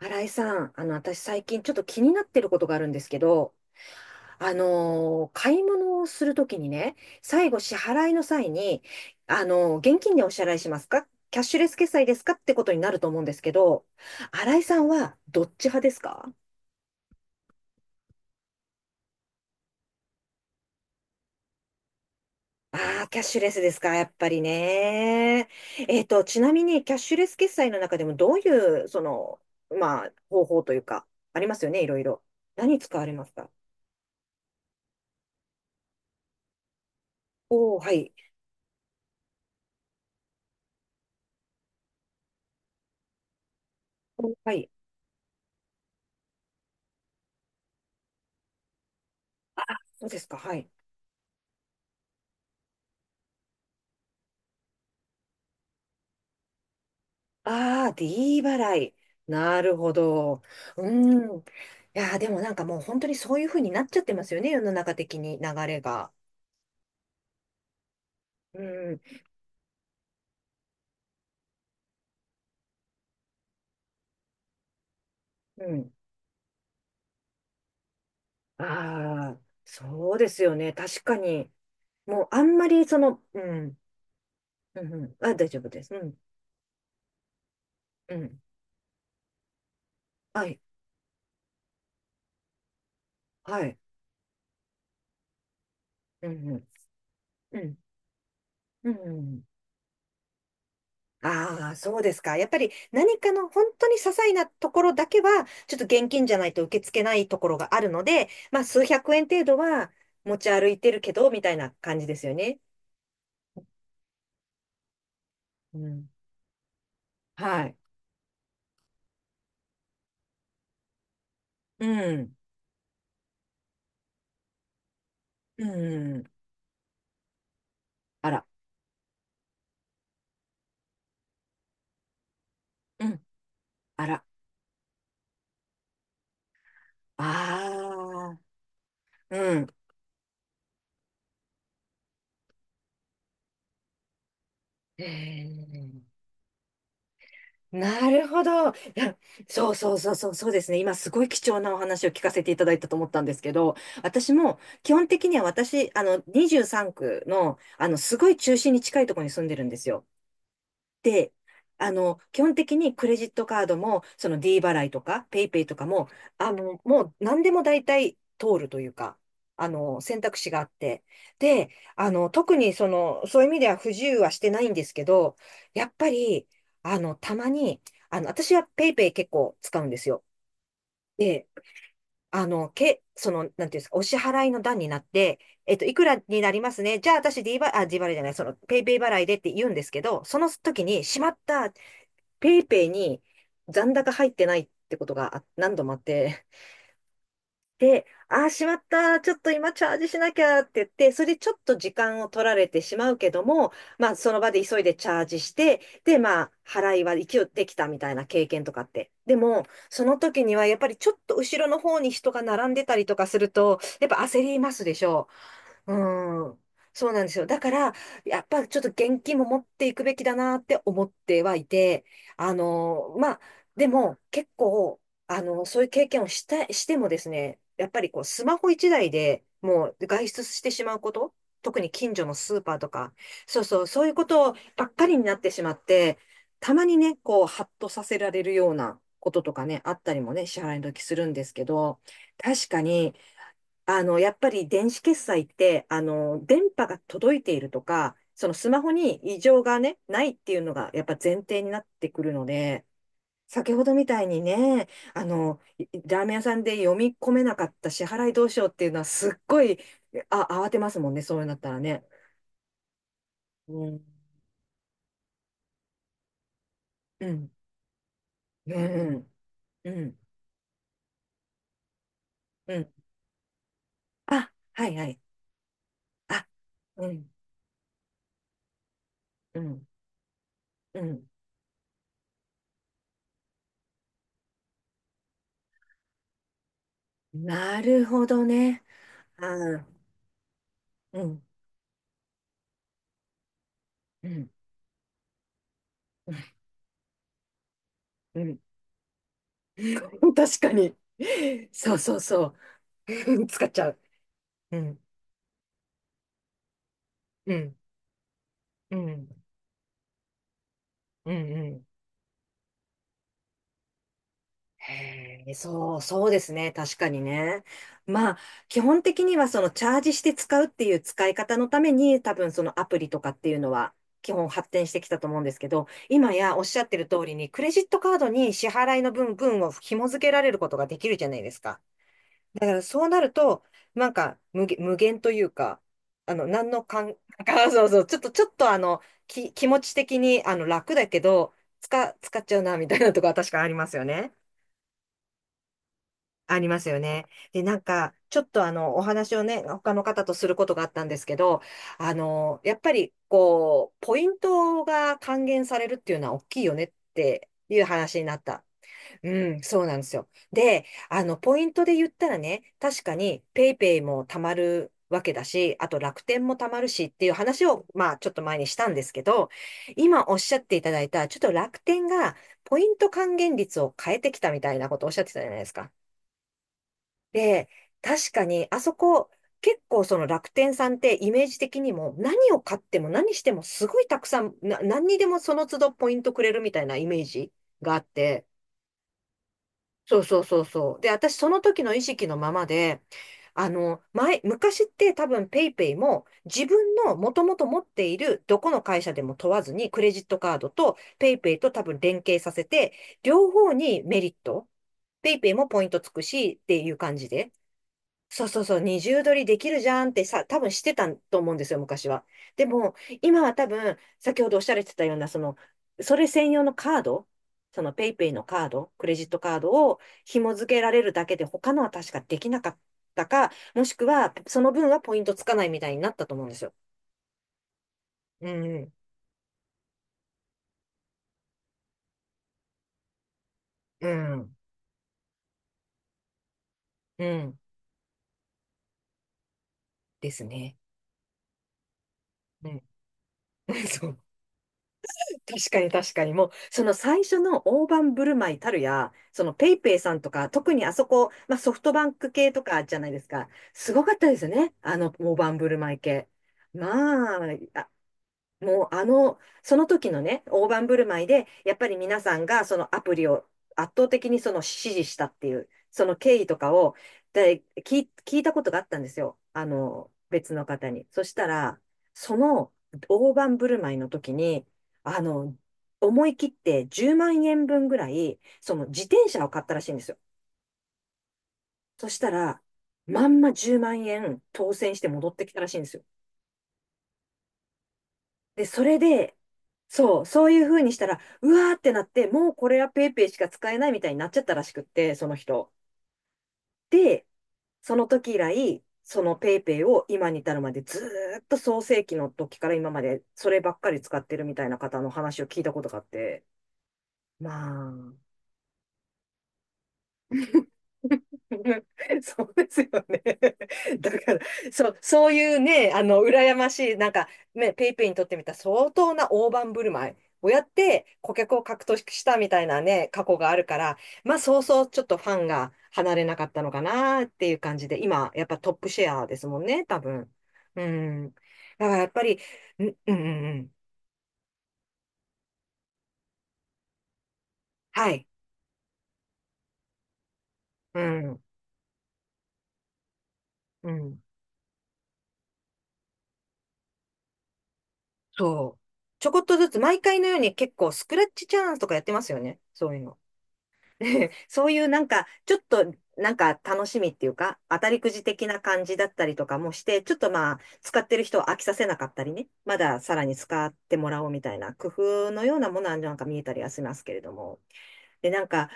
新井さん、私最近ちょっと気になってることがあるんですけど、買い物をするときにね、最後支払いの際に、現金でお支払いしますかキャッシュレス決済ですかってことになると思うんですけど、新井さんはどっち派ですか？ああー、キャッシュレスですか、やっぱりね。ちなみにキャッシュレス決済の中でもどういう、まあ、方法というか、ありますよね、いろいろ。何使われますか？おおー、はい。おーはい。そうですか、はい。ああ、D 払い。なるほど。うーん。いやー、でもなんかもう本当にそういう風になっちゃってますよね、世の中的に流れが。うん、うん。ああ、そうですよね。確かに。もうあんまりその、うん、うん、うん。あ、大丈夫です。うん、うん。はい、はい。うん、うん、うん、うん。ああ、そうですか。やっぱり何かの本当に些細なところだけは、ちょっと現金じゃないと受け付けないところがあるので、まあ数百円程度は持ち歩いてるけど、みたいな感じですよね。うん。はい。うん。うん。あら。うん。あら。ああ。うん。へえ、なるほど。いや、そうそうそうそう、そうですね。今すごい貴重なお話を聞かせていただいたと思ったんですけど、私も基本的には23区の、すごい中心に近いところに住んでるんですよ。で、基本的にクレジットカードも、その D 払いとか、ペイペイとかも、もう何でも大体通るというか、選択肢があって。で、特にその、そういう意味では不自由はしてないんですけど、やっぱり、たまに、私はペイペイ結構使うんですよ。で、その、なんていうんですか、お支払いの段になって、いくらになりますね。じゃあ、私 D 払い、あ、D 払いじゃない、その、ペイペイ払いでって言うんですけど、その時に、しまった。ペイペイに残高入ってないってことが何度もあって、で、ああ、しまった、ちょっと今チャージしなきゃって言って、それでちょっと時間を取られてしまうけども、まあ、その場で急いでチャージして、で、まあ、払いは一応できたみたいな経験とかって。でも、その時にはやっぱりちょっと後ろの方に人が並んでたりとかすると、やっぱ焦りますでしょ？うん。そうなんですよ。だから、やっぱちょっと現金も持っていくべきだなって思ってはいて、あのまあ、でも結構、あのそういう経験をした、してもですね、やっぱりこう、スマホ一台でもう外出してしまうこと、特に近所のスーパーとか、そうそう、そういうことばっかりになってしまって、たまにね、こう、ハッとさせられるようなこととかね、あったりもね、支払いの時するんですけど、確かに、やっぱり電子決済って、電波が届いているとか、そのスマホに異常がね、ないっていうのがやっぱ前提になってくるので、先ほどみたいにね、ラーメン屋さんで読み込めなかった支払いどうしようっていうのはすっごい、あ、慌てますもんね、そうなったらね。うん。うん。うん。うん。うん。あ、はいはい。あ、うん。うん。うん。なるほどね。あー、うん。うん。うん。うん。 確かに。そうそうそう。使っちゃう。うん、うん、うん、うん、うん。へえ、そう、そうですね。確かにね。まあ、基本的にはそのチャージして使うっていう使い方のために、多分そのアプリとかっていうのは基本発展してきたと思うんですけど、今やおっしゃってる通りに、クレジットカードに支払いの分を紐付けられることができるじゃないですか。だからそうなると、なんか無限というか、あの、何のかん、そうそう、ちょっとあの、気持ち的にあの楽だけど、使っちゃうな、みたいなとこは確かありますよね。ありますよね。で、なんか、ちょっとあの、お話をね、他の方とすることがあったんですけど、やっぱり、こう、ポイントが還元されるっていうのは大きいよねっていう話になった。うん、そうなんですよ。で、ポイントで言ったらね、確かにペイペイも貯まるわけだし、あと楽天も貯まるしっていう話を、まあ、ちょっと前にしたんですけど、今おっしゃっていただいた、ちょっと楽天がポイント還元率を変えてきたみたいなことをおっしゃってたじゃないですか。で、確かに、あそこ、結構その楽天さんってイメージ的にも何を買っても何してもすごいたくさん、何にでもその都度ポイントくれるみたいなイメージがあって、そうそうそうそう。で、私その時の意識のままで、昔って多分ペイペイも自分のもともと持っているどこの会社でも問わずにクレジットカードとペイペイと多分連携させて、両方にメリット。ペイペイもポイントつくしっていう感じで。そうそうそう、二重撮りできるじゃんってさ、多分してたと思うんですよ、昔は。でも、今は多分、先ほどおっしゃられてたような、その、それ専用のカード、そのペイペイのカード、クレジットカードを紐付けられるだけで、他のは確かできなかったか、もしくは、その分はポイントつかないみたいになったと思うんですよ。うん、うん、うん、ですね。うん。そう、確かに確かに。もう、その最初の大盤振る舞いたるや、そのペイペイさんとか、特にあそこ、まあソフトバンク系とかじゃないですか。すごかったですよね。あの大盤振る舞い系。まあ、あもうその時のね、大盤振る舞いで、やっぱり皆さんがそのアプリを圧倒的にその支持したっていう、その経緯とかをで聞い、聞いたことがあったんですよ。別の方に。そしたら、その大盤振る舞いの時に、あの、思い切って10万円分ぐらい、その自転車を買ったらしいんですよ。そしたら、まんま10万円当選して戻ってきたらしいんですよ。で、それで、そう、そういう風にしたら、うわーってなって、もうこれはペイペイしか使えないみたいになっちゃったらしくって、その人。で、その時以来、そのペイペイを今に至るまでずーっと創世期の時から今までそればっかり使ってるみたいな方の話を聞いたことがあって、まあ、そうですよね。だから、そう、そういうね、羨ましい、なんか、ね、ペイペイにとってみたら相当な大盤振る舞いをやって、顧客を獲得したみたいなね、過去があるから、まあ、そうそう、ちょっとファンが離れなかったのかなっていう感じで、今、やっぱトップシェアですもんね、多分。うん。だから、やっぱり、んうんうんうん。はい。うん。うん。そう。ちょこっとずつ、毎回のように結構、スクラッチチャンスとかやってますよね、そういうの。そういうなんか、ちょっとなんか楽しみっていうか、当たりくじ的な感じだったりとかもして、ちょっとまあ、使ってる人を飽きさせなかったりね、まださらに使ってもらおうみたいな工夫のようなものはなんか見えたりはしますけれども。で、なんか、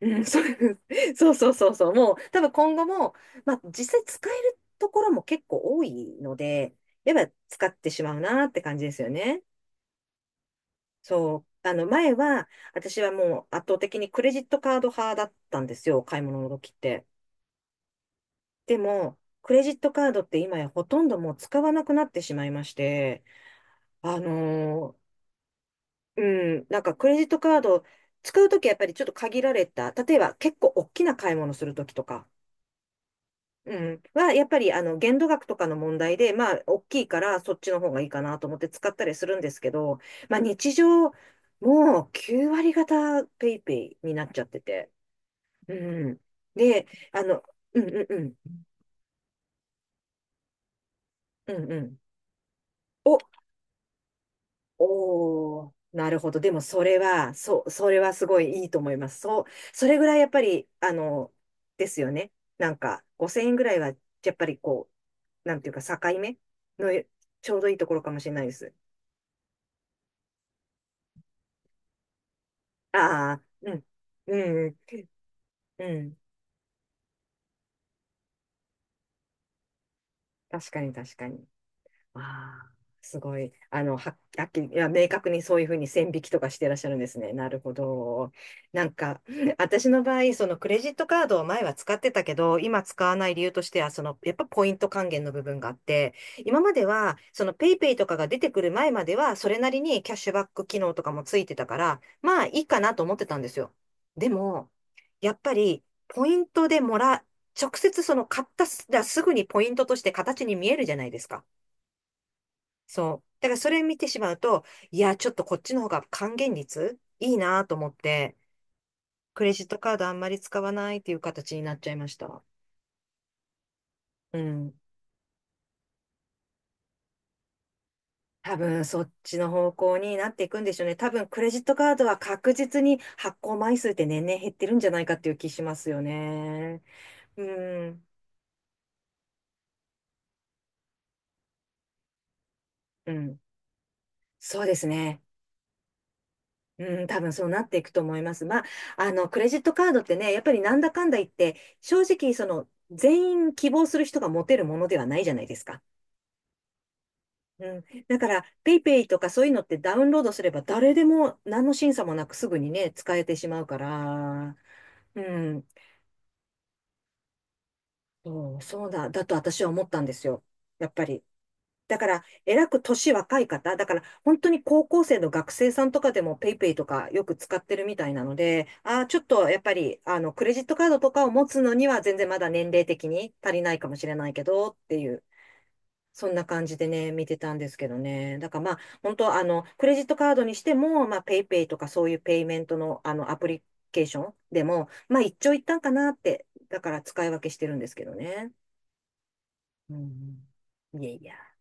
うん、そう そうそうそうそう、もう多分今後も、まあ実際使えるところも結構多いので、やっぱ使ってしまうなって感じですよね。そう。前は、私はもう圧倒的にクレジットカード派だったんですよ、買い物の時って。でも、クレジットカードって今やほとんどもう使わなくなってしまいまして、あのーうん、なんかクレジットカード使う時はやっぱりちょっと限られた。例えば結構大きな買い物する時とか、うん、やっぱり、限度額とかの問題で、まあ、大きいから、そっちの方がいいかなと思って使ったりするんですけど、まあ、日常、もう9割方ペイペイになっちゃってて。うん。で、あの、うんうんうん、うんうん。お、おー、なるほど。でも、それは、そう、それはすごいいいと思います。そう、それぐらいやっぱり、ですよね。なんか、5000円ぐらいは、やっぱりこう、なんていうか、境目のちょうどいいところかもしれないです。ああ、うん、うん、うん。確かに確かに。ああ、すごい。はっきり、いや、明確にそういうふうに線引きとかしてらっしゃるんですね。なるほど。なんか、私の場合、そのクレジットカードを前は使ってたけど、今使わない理由としては、その、やっぱポイント還元の部分があって、今までは、そのペイペイとかが出てくる前までは、それなりにキャッシュバック機能とかもついてたから、まあいいかなと思ってたんですよ。でも、やっぱり、ポイントでもら、直接その買ったす、だからすぐにポイントとして形に見えるじゃないですか。そう。だからそれ見てしまうと、いや、ちょっとこっちの方が還元率いいなと思って、クレジットカードあんまり使わないっていう形になっちゃいました。うん。多分そっちの方向になっていくんでしょうね。多分クレジットカードは確実に発行枚数って年々減ってるんじゃないかっていう気しますよね。うん。うん。そうですね。うん、多分そうなっていくと思います。まあ、クレジットカードってね、やっぱりなんだかんだ言って、正直、その、全員希望する人が持てるものではないじゃないですか。うん。だから、ペイペイとかそういうのってダウンロードすれば誰でも何の審査もなくすぐにね、使えてしまうから、うん。そう、そうだと私は思ったんですよ。やっぱり。だから、えらく年若い方、だから、本当に高校生の学生さんとかでも PayPay とかよく使ってるみたいなので、ああ、ちょっとやっぱり、クレジットカードとかを持つのには全然まだ年齢的に足りないかもしれないけど、っていう、そんな感じでね、見てたんですけどね。だからまあ、本当、クレジットカードにしても、まあ、PayPay とかそういうペイメントの、アプリケーションでも、まあ、一長一短かなって、だから使い分けしてるんですけどね。うんうん。いやいや。